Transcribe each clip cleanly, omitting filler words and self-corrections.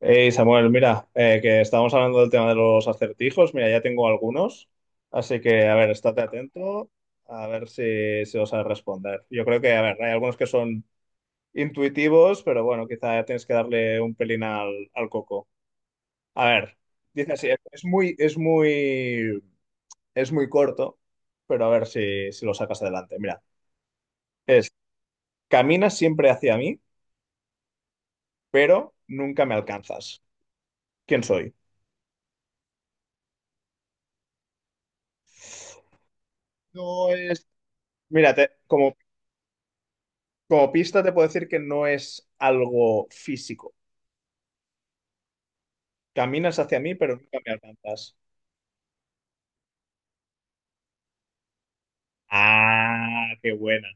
Hey Samuel, mira, que estábamos hablando del tema de los acertijos. Mira, ya tengo algunos, así que a ver, estate atento, a ver si los sabes responder. Yo creo que, a ver, hay algunos que son intuitivos, pero bueno, quizá tienes que darle un pelín al coco. A ver, dice así, es muy corto, pero a ver si lo sacas adelante. Mira, es, caminas siempre hacia mí, pero nunca me alcanzas. ¿Quién soy? No es. Mírate, como pista te puedo decir que no es algo físico. Caminas hacia mí, pero nunca me alcanzas. Ah, qué buena.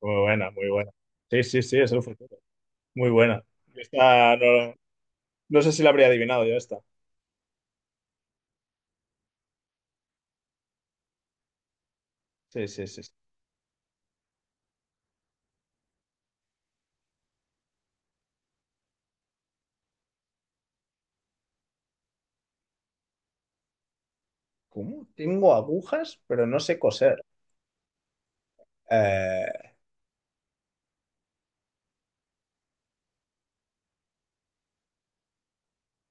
Muy buena, muy buena. Sí, sí, sí, es el futuro. Muy buena. Esta no, no sé si la habría adivinado yo esta. Sí, sí, sí, sí. ¿Cómo? Tengo agujas, pero no sé coser. Eh,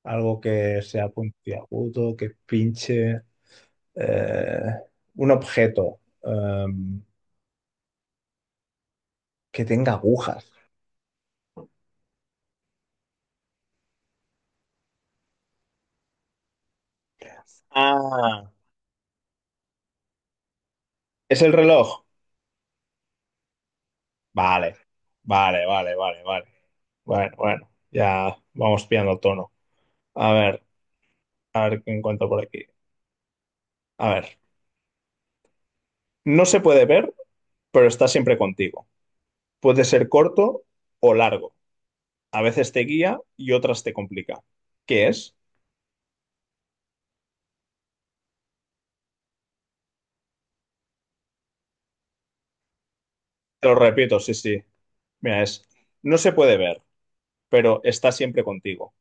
algo que sea puntiagudo, que pinche. eh, un objeto que tenga agujas. Ah, es el reloj. Vale, vale, vale, vale, vale. Bueno, bueno, ya vamos pillando el tono. A ver, a ver qué encuentro por aquí. A ver, no se puede ver, pero está siempre contigo. Puede ser corto o largo. A veces te guía y otras te complica. ¿Qué es? Te lo repito, sí, sí. Mira, es, no se puede ver, pero está siempre contigo.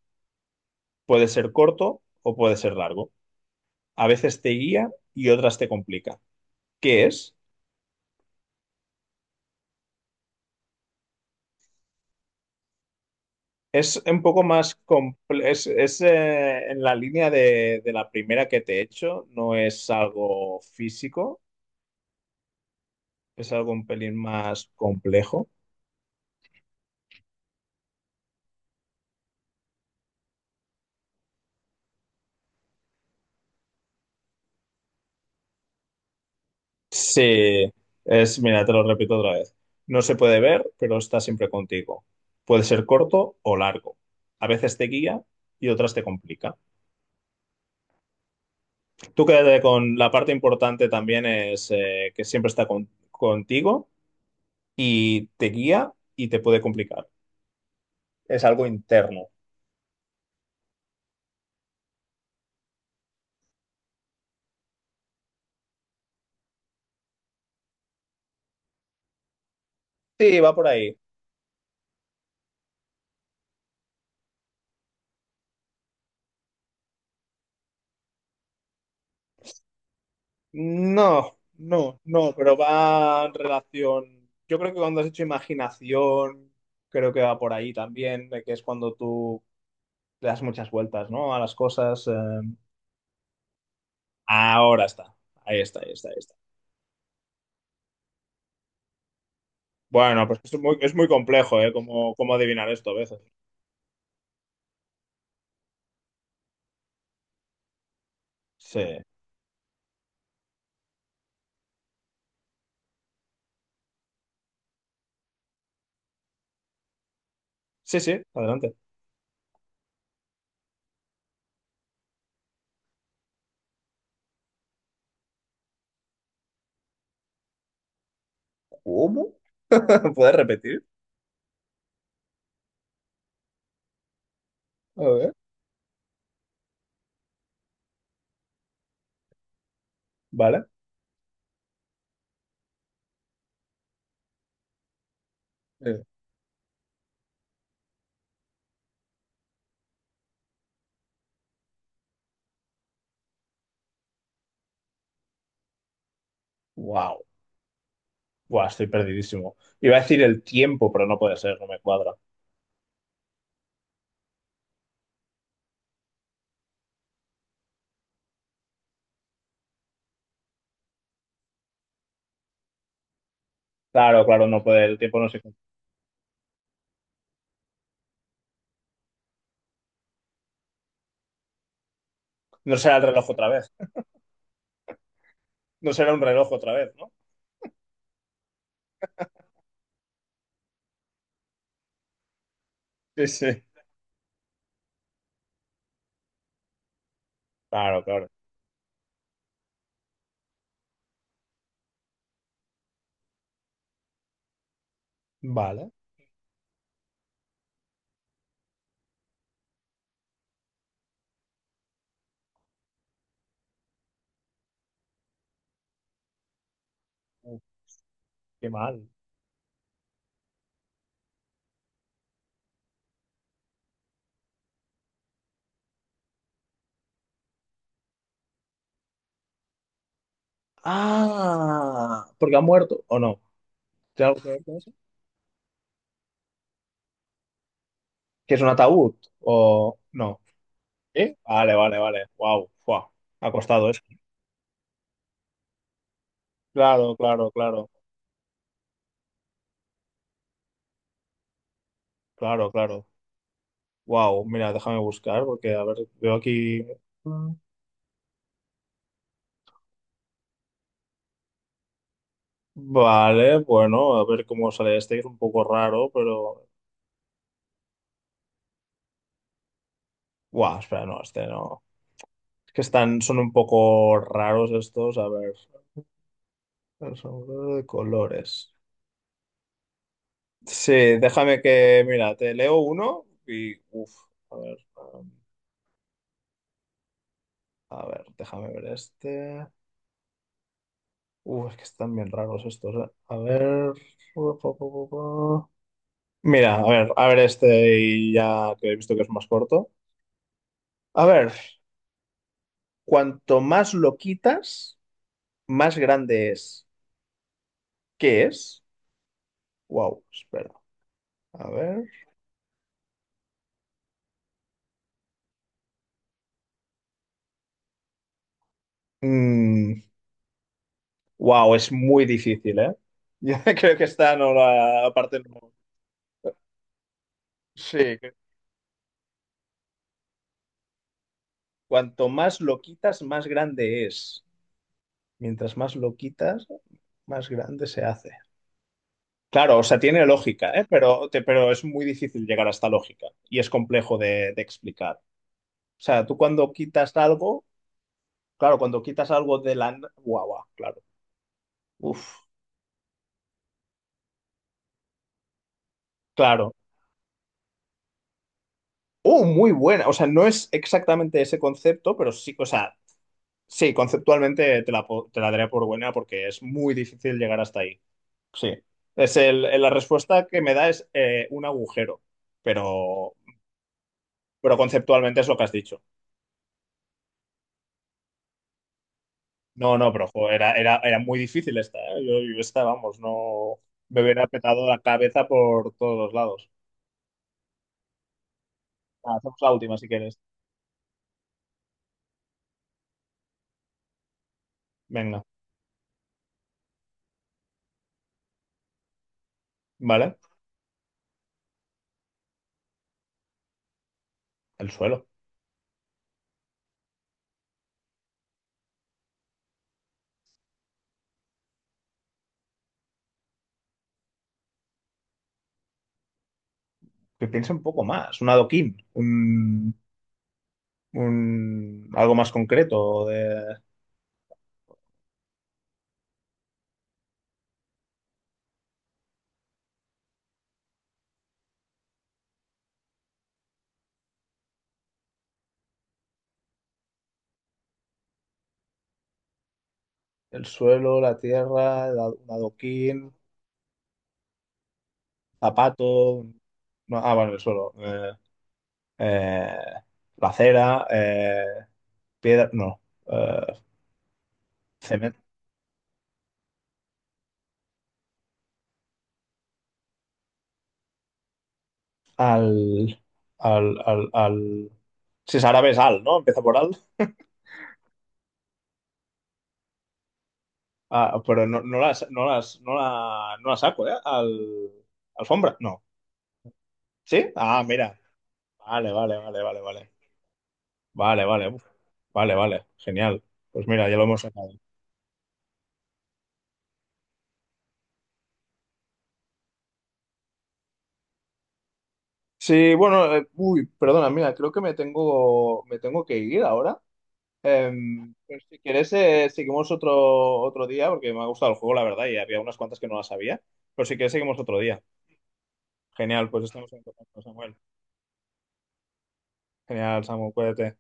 Puede ser corto o puede ser largo. A veces te guía y otras te complica. ¿Qué es? Es un poco más complejo, en la línea de la primera que te he hecho, no es algo físico, es algo un pelín más complejo. Sí, es, mira, te lo repito otra vez. No se puede ver, pero está siempre contigo. Puede ser corto o largo. A veces te guía y otras te complica. Tú quédate con la parte importante también es que siempre está contigo y te guía y te puede complicar. Es algo interno. Sí, va por ahí. No, no, no, pero va en relación. Yo creo que cuando has hecho imaginación, creo que va por ahí también, de que es cuando tú le das muchas vueltas, ¿no? A las cosas. Ahora está. Ahí está, ahí está, ahí está. Bueno, pues es muy complejo, ¿eh? Cómo, cómo adivinar esto a veces. Sí. Sí, sí, adelante. ¿Cómo? ¿Puedes repetir? A ver, vale. Eh, Wow. Buah, estoy perdidísimo. Iba a decir el tiempo, pero no puede ser, no me cuadra. Claro, claro, no puede, el tiempo no se. No será el reloj otra vez. No será un reloj otra vez, ¿no? Sí, sí. Claro, claro. Vale. Uf, qué mal. Ah, porque ha muerto o no. ¿Tiene algo que ver con eso? ¿Que es un ataúd o no? ¿Eh? Vale, vale, vale. Wow, wow. Ha costado eso. Claro, claro, claro. Claro, claro. Wow, mira, déjame buscar porque, a ver, veo aquí. Mm. Vale, bueno, a ver cómo sale este, que es un poco raro, pero. Wow, espera, no, este no. Que están, son un poco raros estos. A ver, son de colores. Sí, déjame que, mira, te leo uno y, a ver, a ver, déjame ver este. Uf, es que están bien raros estos, eh. A ver. Pu, pu, pu, pu, pu. Mira, a ver este y ya que he visto que es más corto. A ver, cuanto más lo quitas, más grande es. ¿Qué es? Wow, espera. A ver. Mm, Wow, es muy difícil, ¿eh? Yo creo que esta no la aparte no. Sí, cuanto más lo quitas, más grande es. Mientras más lo quitas, más grande se hace. Claro, o sea, tiene lógica, ¿eh? Pero es muy difícil llegar a esta lógica y es complejo de explicar. O sea, tú cuando quitas algo, claro, cuando quitas algo de la... Guau, guau, claro. Uf, claro. Oh, muy buena. O sea, no es exactamente ese concepto, pero sí, o sea, sí, conceptualmente te la, te la daré por buena porque es muy difícil llegar hasta ahí. Sí. Es el, la respuesta que me da es un agujero, pero, pero conceptualmente es lo que has dicho. No, no, pero jo, era muy difícil esta, ¿eh? Yo esta, vamos, no me hubiera petado la cabeza por todos los lados. Ah, hacemos la última si quieres. Venga, ¿vale? El suelo. Que piense un poco más, un adoquín, un, algo más concreto. El suelo, la tierra, el un adoquín, zapato. un- no, ah, bueno, el suelo. Eh, la acera, piedra. No. eh, cemento. Al, al, al, al. Si es árabe, es al, ¿no? Empieza por al. Ah, pero no, no las, no las, no la, no la saco, ¿eh? Al, alfombra, no. ¿Sí? Ah, mira. Vale, vale, vale, vale, vale. Vale, vale. Uf. Vale, vale. Genial. Pues mira, ya lo hemos sacado. Sí, bueno, uy, perdona, mira, creo que me tengo que ir ahora. Pero si quieres, seguimos otro día, porque me ha gustado el juego, la verdad, y había unas cuantas que no las sabía. Pero si quieres, seguimos otro día. Genial, pues estamos en contacto, Samuel. Genial, Samuel, cuídate.